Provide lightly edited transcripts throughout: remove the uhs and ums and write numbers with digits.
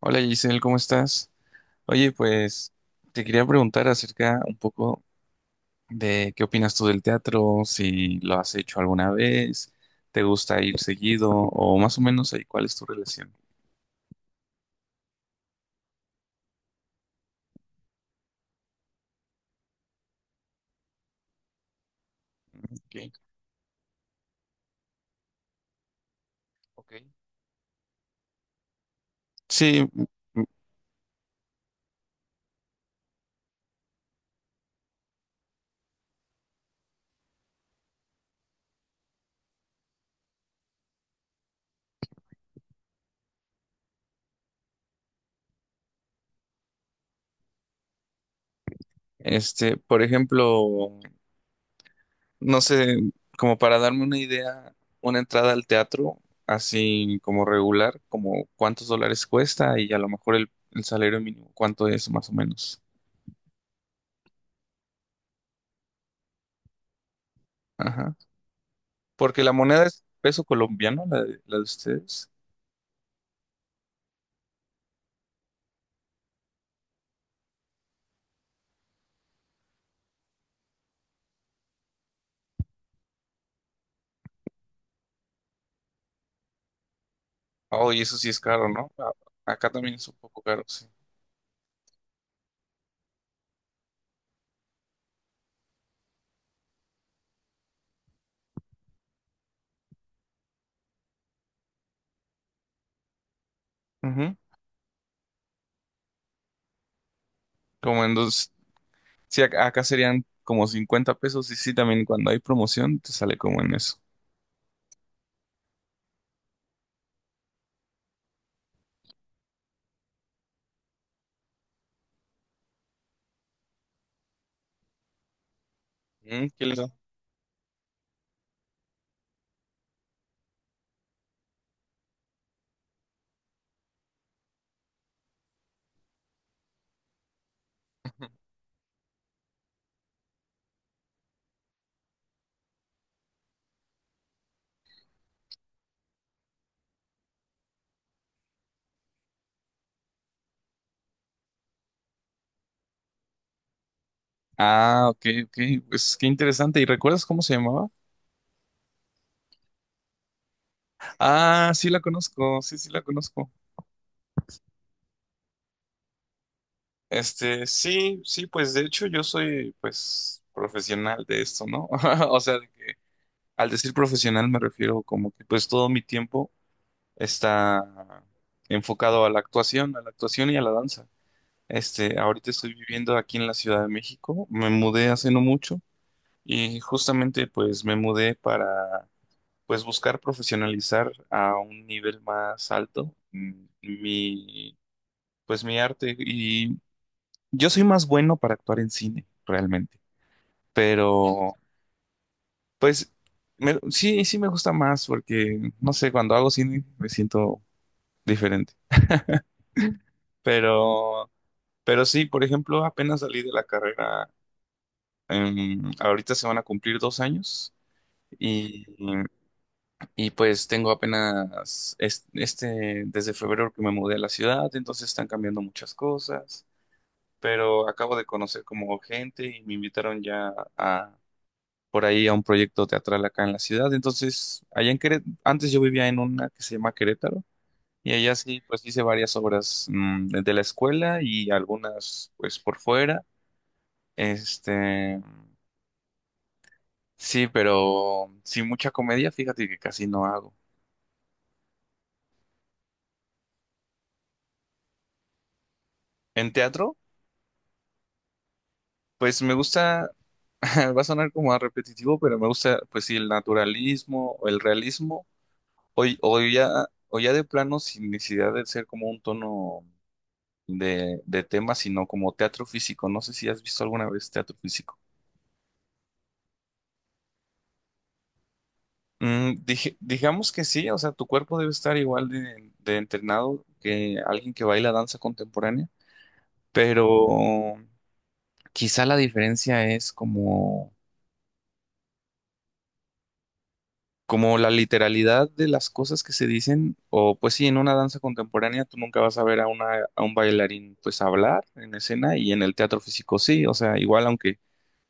Hola Giselle, ¿cómo estás? Oye, pues te quería preguntar acerca un poco de qué opinas tú del teatro, si lo has hecho alguna vez, te gusta ir seguido o más o menos ahí, ¿cuál es tu relación? Okay, okay. Sí, mm, este, por ejemplo, no sé, como para darme una idea, una entrada al teatro, así como regular, como cuántos dólares cuesta y a lo mejor el salario mínimo, cuánto es más o menos. Porque la moneda es peso colombiano, la de ustedes. Oh, y eso sí es caro, ¿no? Acá también es un poco caro, sí. Ujú. Como en dos, sí, acá serían como 50 pesos y sí, también cuando hay promoción te sale como en eso. ¿Qué les da? Ah, ok, ok, pues qué interesante. ¿Y recuerdas cómo se llamaba? Ah, sí la conozco, sí, sí la conozco. Este, sí, sí, pues de hecho yo soy pues profesional de esto, ¿no? O sea, de que al decir profesional me refiero como que pues todo mi tiempo está enfocado a la actuación y a la danza. Este, ahorita estoy viviendo aquí en la Ciudad de México, me mudé hace no mucho y justamente pues me mudé para pues buscar profesionalizar a un nivel más alto mi arte y yo soy más bueno para actuar en cine realmente, pero pues sí, sí me gusta más porque no sé, cuando hago cine me siento diferente, pero Pero sí, por ejemplo, apenas salí de la carrera, ahorita se van a cumplir dos años y, y pues tengo apenas este, desde febrero que me mudé a la ciudad, entonces están cambiando muchas cosas, pero acabo de conocer como gente y me invitaron ya a por ahí a un proyecto teatral acá en la ciudad, entonces allá en Querétaro, antes yo vivía en una que se llama Querétaro. Y allá sí, pues hice varias obras, de la escuela y algunas pues por fuera. Este, sí, pero sin mucha comedia, fíjate que casi no hago. En teatro, pues me gusta, va a sonar como a repetitivo, pero me gusta, pues sí, el naturalismo o el realismo, o, y- o ya, o ya de plano sin necesidad de ser como un tono de tema, sino como teatro físico. No sé si has visto alguna vez teatro físico. Digamos que sí, o sea, tu cuerpo debe estar igual de entrenado que alguien que baila danza contemporánea, pero. Quizá la diferencia es como la literalidad de las cosas que se dicen, o pues sí, en una danza contemporánea tú nunca vas a ver a una, a un bailarín pues hablar en escena y en el teatro físico sí, o sea, igual aunque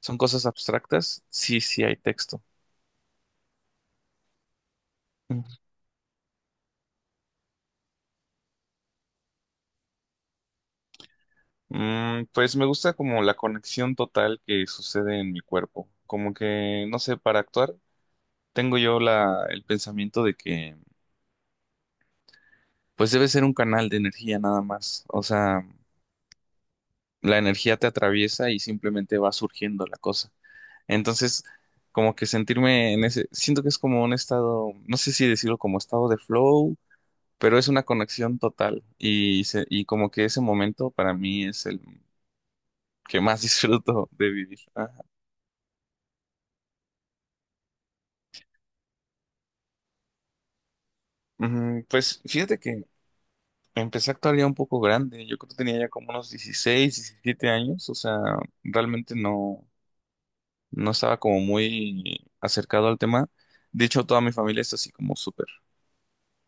son cosas abstractas, sí, sí hay texto. Ujú. Pues me gusta como la conexión total que sucede en mi cuerpo, como que, no sé, para actuar tengo yo la, el pensamiento de que pues debe ser un canal de energía nada más, o sea... la energía te atraviesa y simplemente va surgiendo la cosa. Entonces, como que sentirme en ese, siento que es como un estado, no sé si decirlo como estado de flow, pero es una conexión total y como que ese momento para mí es el que más disfruto de vivir. Ajá. Pues fíjate que empecé a actuar ya un poco grande, yo creo que tenía ya como unos 16, 17 años, o sea, realmente no, no estaba como muy acercado al tema. De hecho, toda mi familia es así como súper,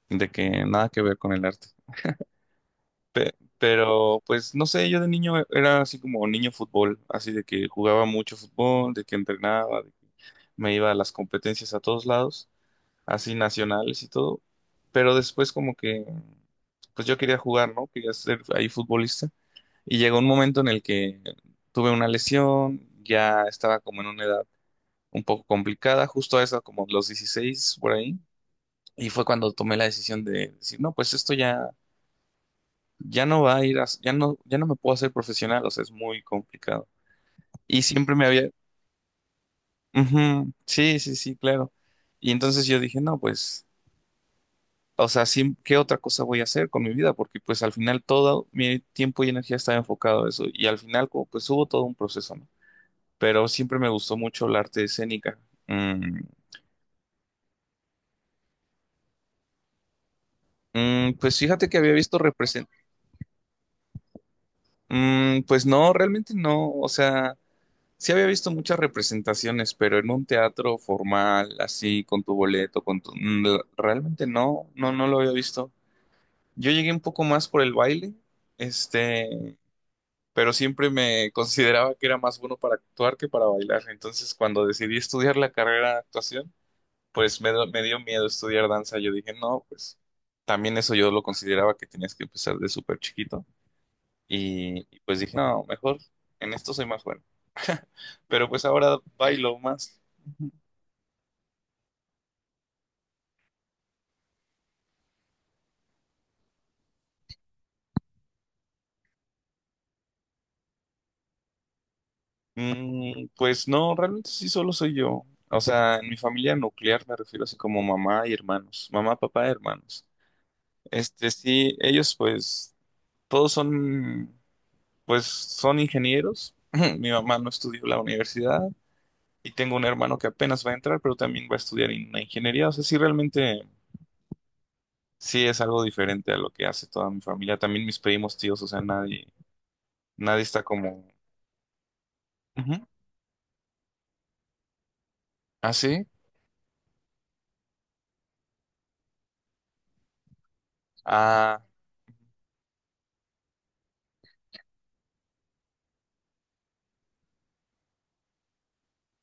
de que nada que ver con el arte. Pero pues no sé, yo de niño, era así como niño fútbol, así de que jugaba mucho fútbol, de que entrenaba, de que me iba a las competencias a todos lados, así nacionales y todo, pero después como que pues yo quería jugar, ¿no? Quería ser ahí futbolista y llegó un momento en el que tuve una lesión, ya estaba como en una edad un poco complicada, justo a esa como los 16 por ahí. Y fue cuando tomé la decisión de decir, no, pues esto ya, ya no va a ir a, ya no, ya no me puedo hacer profesional, o sea, es muy complicado. Y siempre me había... Ujú, sí, sí, sí, claro. Y entonces yo dije, no, pues, o sea, sí, ¿qué otra cosa voy a hacer con mi vida? Porque pues al final todo mi tiempo y energía estaba enfocado a eso. Y al final, como, pues hubo todo un proceso, ¿no? Pero siempre me gustó mucho el arte escénica. Mm, pues fíjate que había visto represent... Pues no, realmente no, o sea... Sí había visto muchas representaciones, pero en un teatro formal, así, con tu boleto, con tu... Realmente no, no, no lo había visto. Yo llegué un poco más por el baile, este, pero siempre me consideraba que era más bueno para actuar que para bailar. Entonces, cuando decidí estudiar la carrera de actuación, pues me dio miedo estudiar danza. Yo dije, no, pues también eso yo lo consideraba que tenías que empezar de súper chiquito. Y pues dije, no, mejor en esto soy más bueno. Pero pues ahora bailo más. Pues no, realmente sí solo soy yo. O sea, en mi familia nuclear me refiero así como mamá y hermanos, mamá, papá, hermanos. Este, sí, ellos pues todos son ingenieros. Mi mamá no estudió la universidad y tengo un hermano que apenas va a entrar, pero también va a estudiar en una ingeniería. O sea, sí, realmente sí es algo diferente a lo que hace toda mi familia. También mis primos, tíos, o sea, nadie está como, así. ¿Ah, sí? Ah,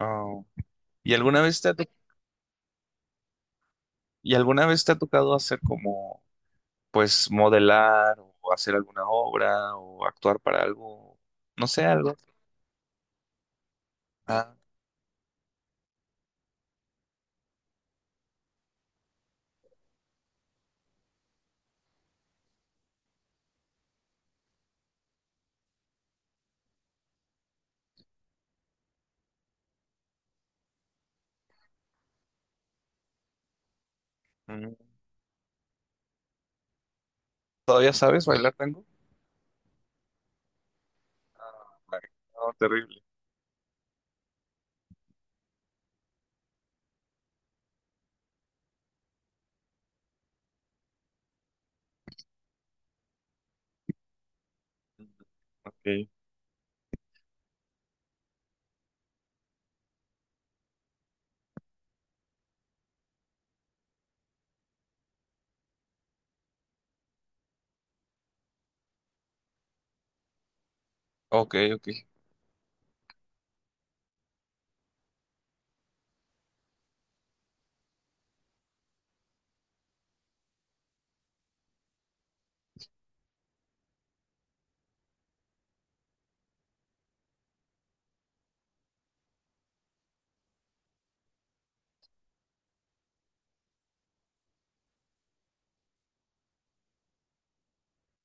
oh. ¿Y alguna vez te ha ¿Y alguna vez te ha tocado hacer como, pues, modelar o hacer alguna obra o actuar para algo? No sé, algo. Ah, mm. ¿Todavía sabes bailar tango? Ah, vale. No, terrible. Mm, ok, ok, ok.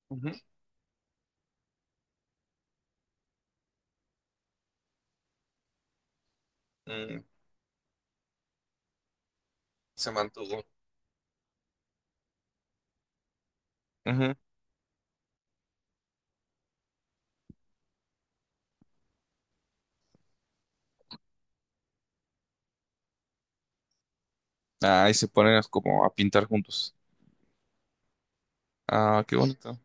Ujú. Mm, se mantuvo. Ujú. Ah, y se ponen como a pintar juntos. Ah, qué bonito.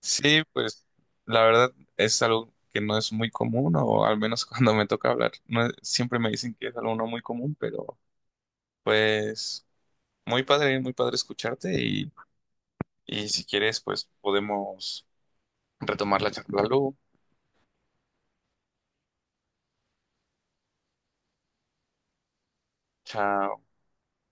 Sí, pues, la verdad es algo que no es muy común, o al menos cuando me toca hablar, no es- siempre me dicen que es algo no muy común, pero pues. Muy padre escucharte y si quieres, pues podemos retomar la charla luego. Chao.